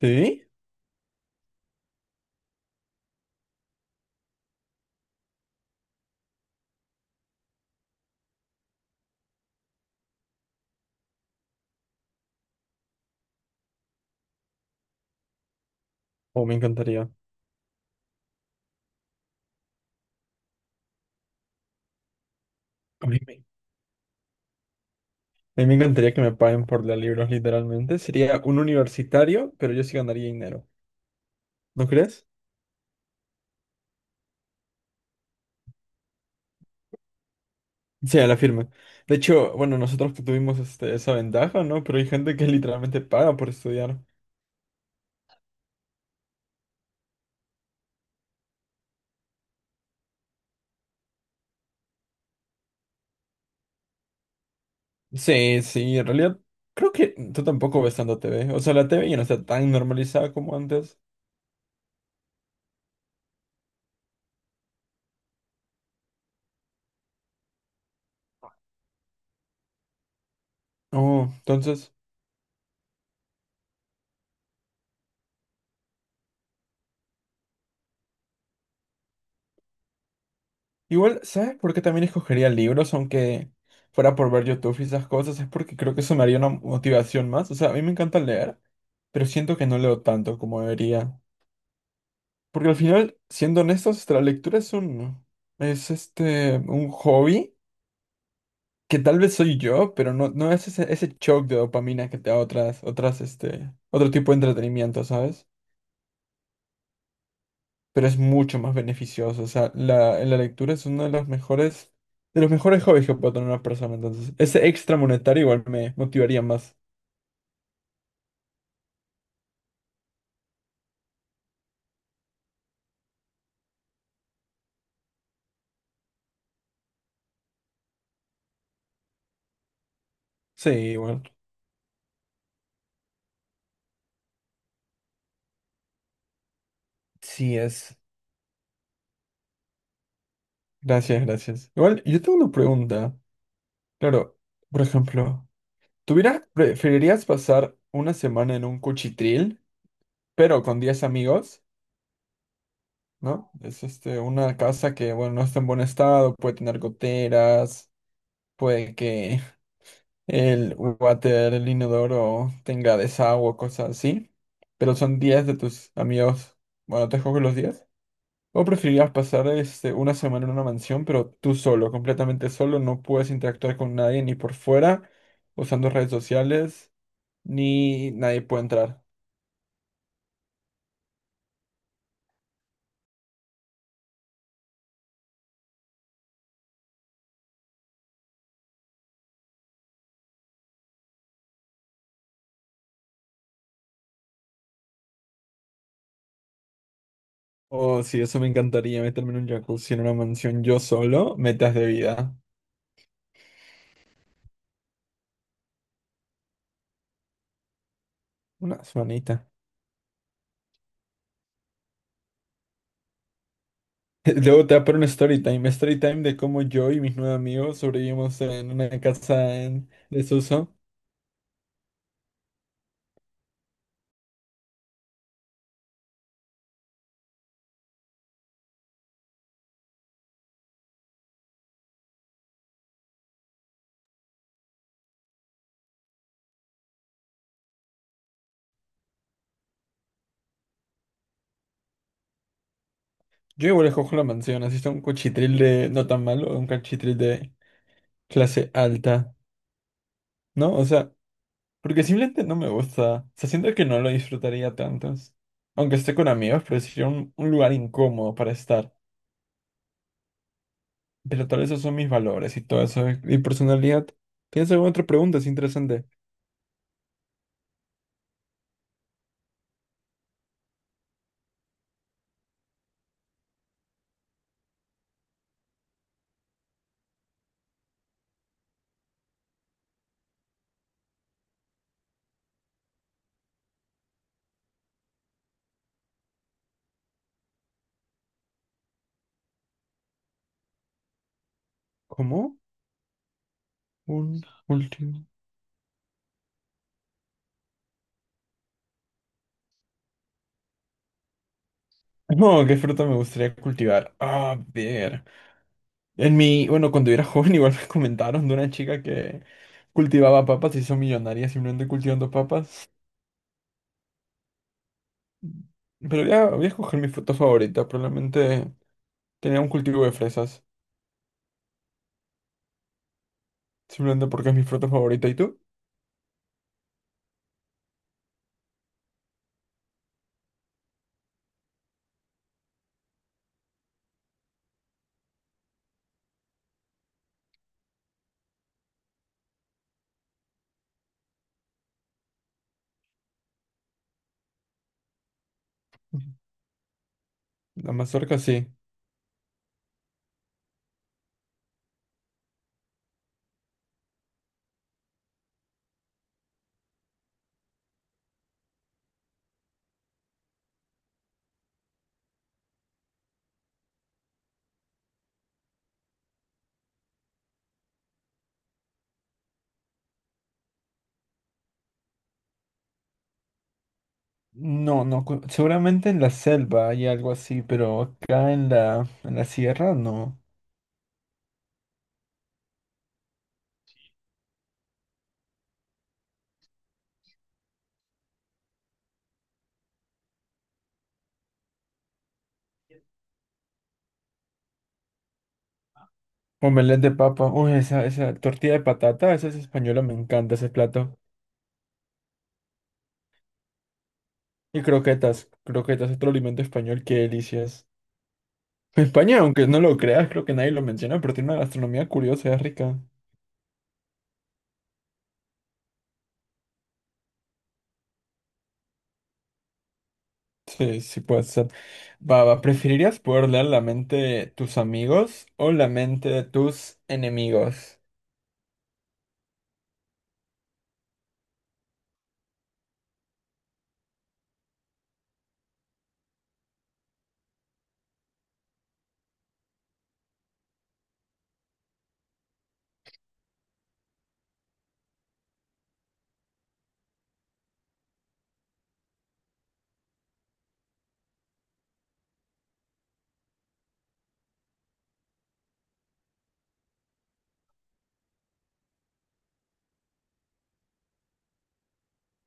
Sí, o me encantaría. A mí me... A mí me encantaría que me paguen por leer libros, literalmente. Sería un universitario, pero yo sí ganaría dinero. ¿No crees? Sí, a la firma. De hecho, bueno, nosotros tuvimos esa ventaja, ¿no? Pero hay gente que literalmente paga por estudiar. Sí, sí, en realidad creo que tú tampoco ves tanta TV. O sea, la TV ya no está tan normalizada como antes. Oh, entonces. Igual, ¿sabes por qué también escogería libros, aunque fuera por ver YouTube y esas cosas? Es porque creo que eso me haría una motivación más. O sea, a mí me encanta leer, pero siento que no leo tanto como debería. Porque al final, siendo honestos, la lectura es un hobby que tal vez soy yo, pero no es ese shock de dopamina que te da otro tipo de entretenimiento, ¿sabes? Pero es mucho más beneficioso. O sea, la lectura es uno de los mejores hobbies que puede tener una persona. Entonces, ese extra monetario igual me motivaría más. Sí, igual. Sí, es. Gracias, gracias. Igual, yo tengo una pregunta. Claro, por ejemplo, preferirías pasar una semana en un cuchitril, pero con 10 amigos? ¿No? Es una casa que, bueno, no está en buen estado, puede tener goteras, puede que el water, el inodoro tenga desagüe, o cosas así, pero son días de tus amigos, bueno, te juego los días. ¿O preferirías pasar una semana en una mansión, pero tú solo, completamente solo, no puedes interactuar con nadie ni por fuera, usando redes sociales, ni nadie puede entrar? Oh, sí, eso me encantaría, meterme en un jacuzzi en una mansión yo solo, metas de vida. Una semanita. Luego te va a poner un story time de cómo yo y mis nueve amigos sobrevivimos en una casa en desuso. Yo igual escojo la mansión, así está un cuchitril de no tan malo, un cuchitril de clase alta, ¿no? O sea, porque simplemente no me gusta. O sea, siento que no lo disfrutaría tanto. Aunque esté con amigos, pero sería un lugar incómodo para estar. Pero tal vez esos son mis valores y todo eso, y personalidad. ¿Tienes alguna otra pregunta? Es interesante. ¿Cómo? Un último. No, ¿qué fruta me gustaría cultivar? Ah, a ver. En mi, bueno, cuando era joven igual me comentaron de una chica que cultivaba papas y hizo millonaria simplemente cultivando papas. Pero voy a escoger mi fruta favorita. Probablemente tenía un cultivo de fresas. Simplemente porque es mi fruta favorita. ¿Y tú? La mazorca sí. No, no. Seguramente en la selva hay algo así, pero acá en la sierra no. Omelette de papa. Uy, esa tortilla de patata, esa es española, me encanta ese plato. Y croquetas, croquetas, otro alimento español qué delicias. España, aunque no lo creas, creo que nadie lo menciona, pero tiene una gastronomía curiosa, es rica. Sí, sí puede ser. Va, va, ¿preferirías poder leer la mente de tus amigos o la mente de tus enemigos?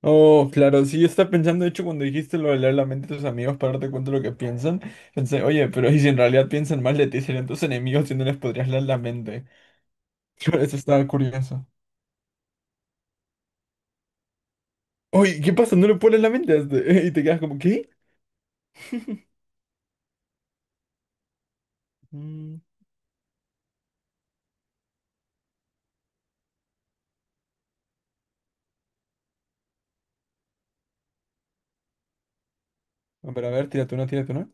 Oh, claro, sí, yo estaba pensando, de hecho, cuando dijiste lo de leer la mente de tus amigos para darte cuenta de lo que piensan, pensé, oye, pero ¿y si en realidad piensan mal de ti, serían tus enemigos y no les podrías leer la mente? Eso estaba curioso. Oye, ¿qué pasa? ¿No le puedes leer la mente a este? Y te quedas como, ¿qué? Mm. A ver, tírate una, tírate una.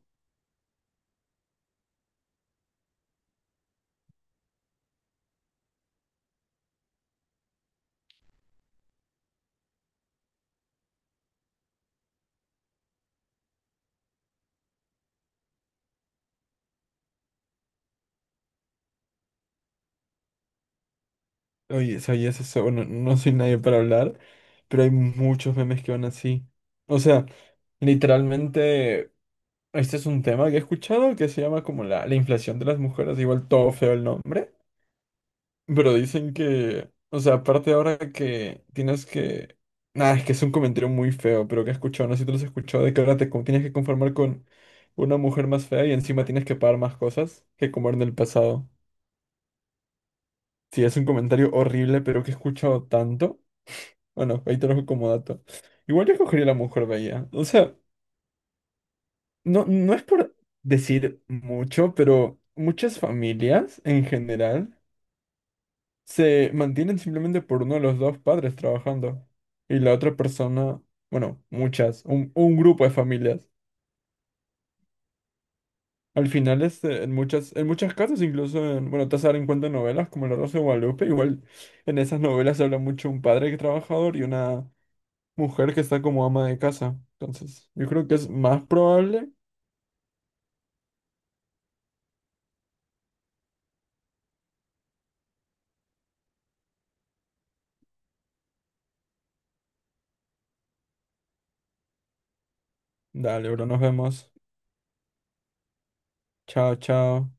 Oye, ¿sabías eso? Bueno, no soy nadie para hablar, pero hay muchos memes que van así. O sea, literalmente, este es un tema que he escuchado que se llama como la inflación de las mujeres, igual todo feo el nombre, pero dicen que, o sea, aparte ahora que tienes que... Nada, es que es un comentario muy feo, pero que he escuchado, no sé si tú lo has escuchado, de que ahora tienes que conformar con una mujer más fea y encima tienes que pagar más cosas que como en el pasado. Sí, es un comentario horrible, pero que he escuchado tanto. Bueno, ahí te lo dejo como dato. Igual yo escogería la mujer bella. O sea, no es por decir mucho, pero muchas familias en general se mantienen simplemente por uno de los dos padres trabajando. Y la otra persona, bueno, un grupo de familias. Al final, en muchas casas, incluso en, bueno, te vas a dar en cuenta en novelas como La Rosa de Guadalupe, igual en esas novelas se habla mucho un padre trabajador y una mujer que está como ama de casa. Entonces, yo creo que es más probable. Dale, bro, nos vemos. Chao, chao.